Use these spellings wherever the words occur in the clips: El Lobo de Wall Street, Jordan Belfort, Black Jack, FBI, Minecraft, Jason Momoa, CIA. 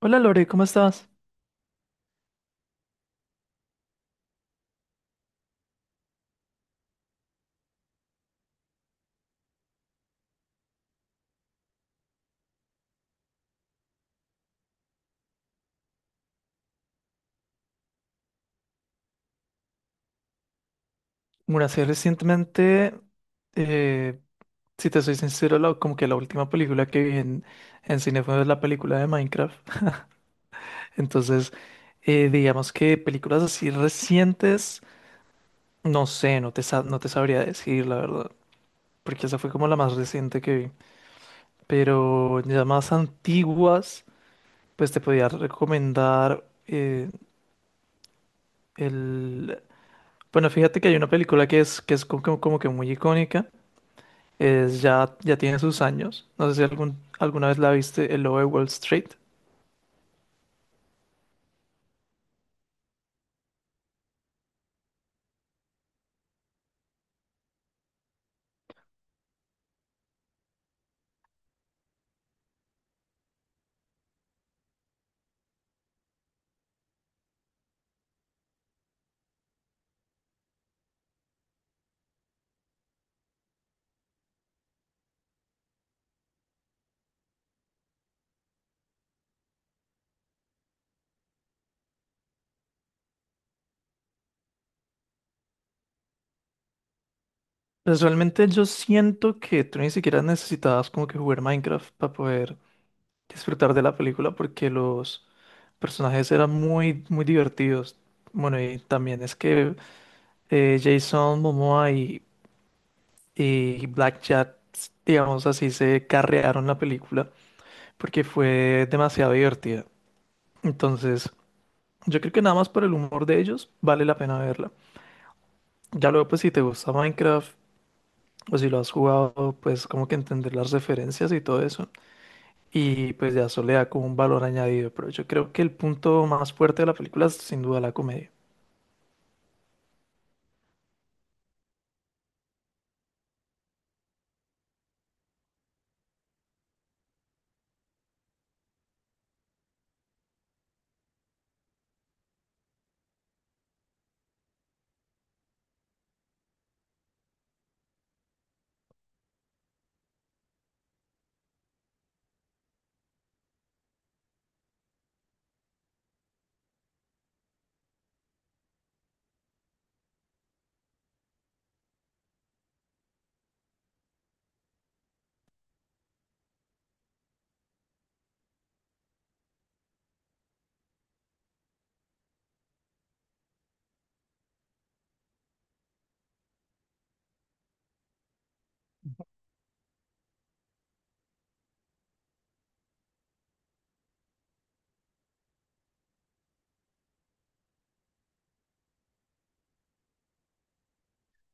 Hola Lore, ¿cómo estás? Bueno, sí, recientemente, eh, si te soy sincero, como que la última película que vi en cine fue la película de Minecraft. Entonces, digamos que películas así recientes, no sé, no te sabría decir, la verdad, porque esa fue como la más reciente que vi. Pero ya más antiguas, pues te podía recomendar el... Bueno, fíjate que hay una película que es como que muy icónica. Es ya, ya tiene sus años. No sé si alguna vez la viste, El Lobo de Wall Street. Pues realmente yo siento que tú ni siquiera necesitabas como que jugar Minecraft para poder disfrutar de la película porque los personajes eran muy, muy divertidos. Bueno, y también es que Jason Momoa y Black Jack, digamos así, se carrearon la película porque fue demasiado divertida. Entonces, yo creo que nada más por el humor de ellos vale la pena verla. Ya luego, pues si te gusta Minecraft o si lo has jugado, pues como que entender las referencias y todo eso. Y pues ya eso le da como un valor añadido. Pero yo creo que el punto más fuerte de la película es sin duda la comedia.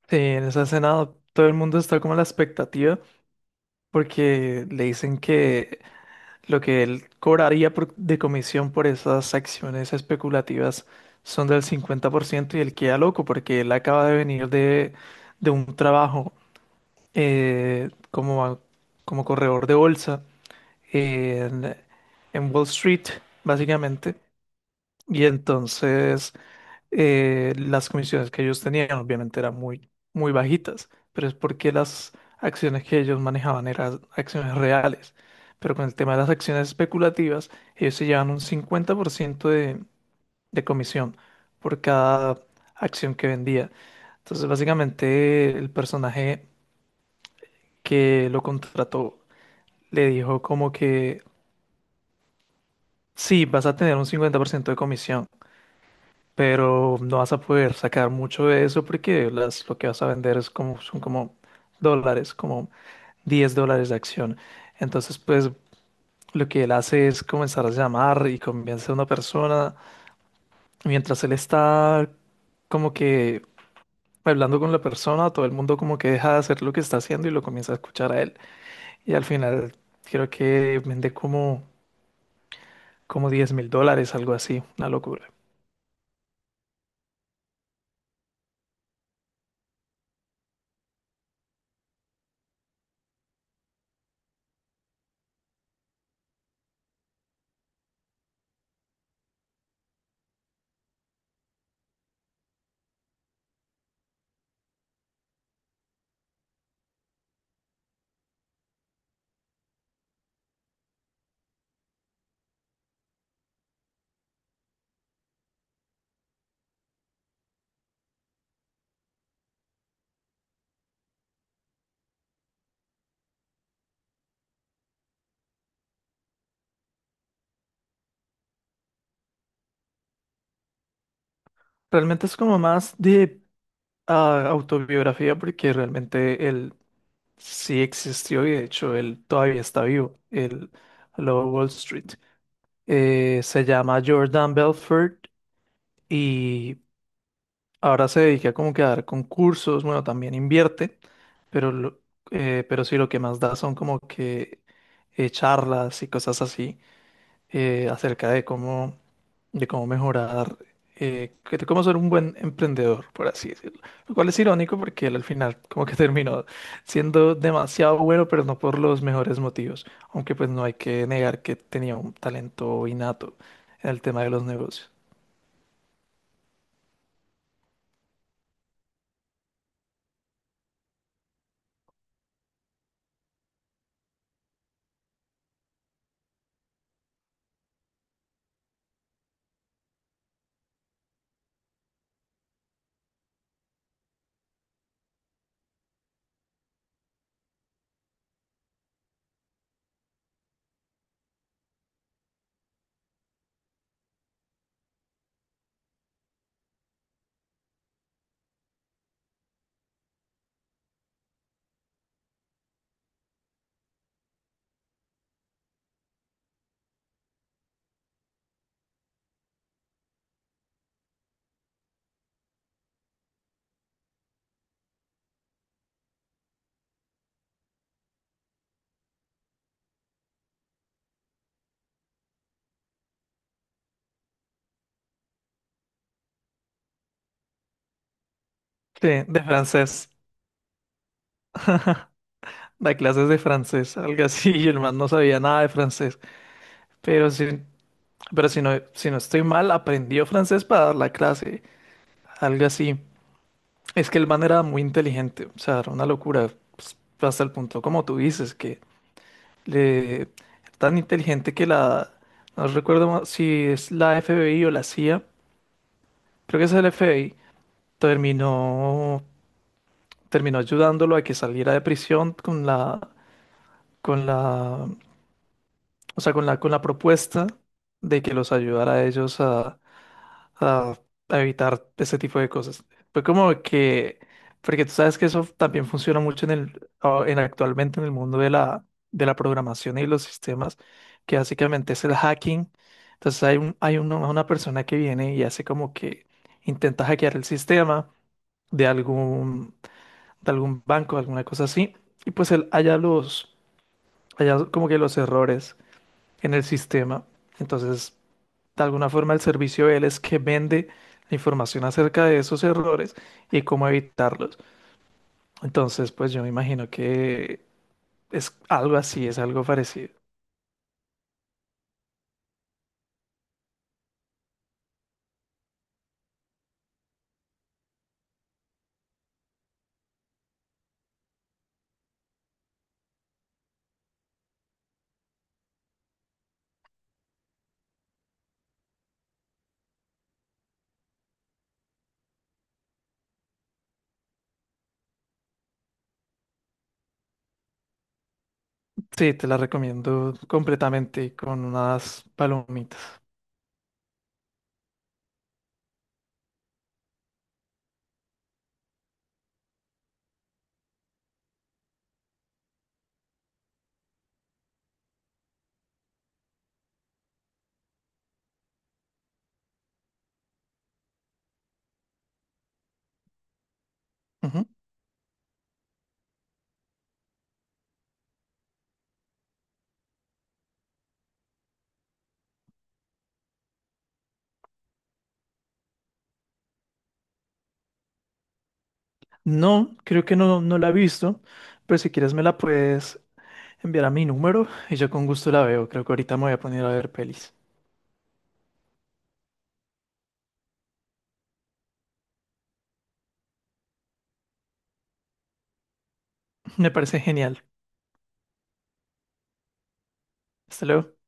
Sí, en esa escena todo el mundo está como a la expectativa porque le dicen que lo que él cobraría de comisión por esas acciones especulativas son del 50% y él queda loco porque él acaba de venir de un trabajo eh, como, como corredor de bolsa en, en Wall Street, básicamente. Y entonces las comisiones que ellos tenían obviamente eran muy, muy bajitas, pero es porque las acciones que ellos manejaban eran acciones reales. Pero con el tema de las acciones especulativas, ellos se llevan un 50% de comisión por cada acción que vendía. Entonces, básicamente, el personaje que lo contrató le dijo como que sí, vas a tener un 50% de comisión, pero no vas a poder sacar mucho de eso porque lo que vas a vender es como, son como dólares, como $10 de acción. Entonces, pues lo que él hace es comenzar a llamar y convence a una persona. Mientras él está como que hablando con la persona, todo el mundo como que deja de hacer lo que está haciendo y lo comienza a escuchar a él. Y al final creo que vende como $10,000, algo así, una locura. Realmente es como más de autobiografía porque realmente él sí existió y de hecho él todavía está vivo, el Lobo de Wall Street. Se llama Jordan Belfort y ahora se dedica como que a dar concursos, bueno, también invierte, pero, lo- pero sí lo que más da son como que charlas y cosas así. Acerca de cómo mejorar, de cómo ser un buen emprendedor, por así decirlo. Lo cual es irónico porque él al final como que terminó siendo demasiado bueno, pero no por los mejores motivos. Aunque pues no hay que negar que tenía un talento innato en el tema de los negocios. Sí, de francés. Da clases de francés, algo así, y el man no sabía nada de francés. Pero si, pero si no estoy mal, aprendió francés para dar la clase, algo así. Es que el man era muy inteligente, o sea, era una locura, pues, hasta el punto, como tú dices, que le tan inteligente que no recuerdo si es la FBI o la CIA, creo que es el FBI, terminó, terminó ayudándolo a que saliera de prisión con con la, o sea, con la propuesta de que los ayudara a ellos a, a evitar ese tipo de cosas. Fue como que, porque tú sabes que eso también funciona mucho en en actualmente en el mundo de la programación y los sistemas, que básicamente es el hacking. Entonces hay una persona que viene y hace como que intenta hackear el sistema de algún, de algún banco, alguna cosa así, y pues él halla como que los errores en el sistema. Entonces de alguna forma, el servicio de él es que vende la información acerca de esos errores y cómo evitarlos. Entonces, pues yo me imagino que es algo parecido. Sí, te la recomiendo completamente y con unas palomitas. Ujú. No, creo que no, no la he visto, pero si quieres me la puedes enviar a mi número y yo con gusto la veo. Creo que ahorita me voy a poner a ver pelis. Me parece genial. Hasta luego.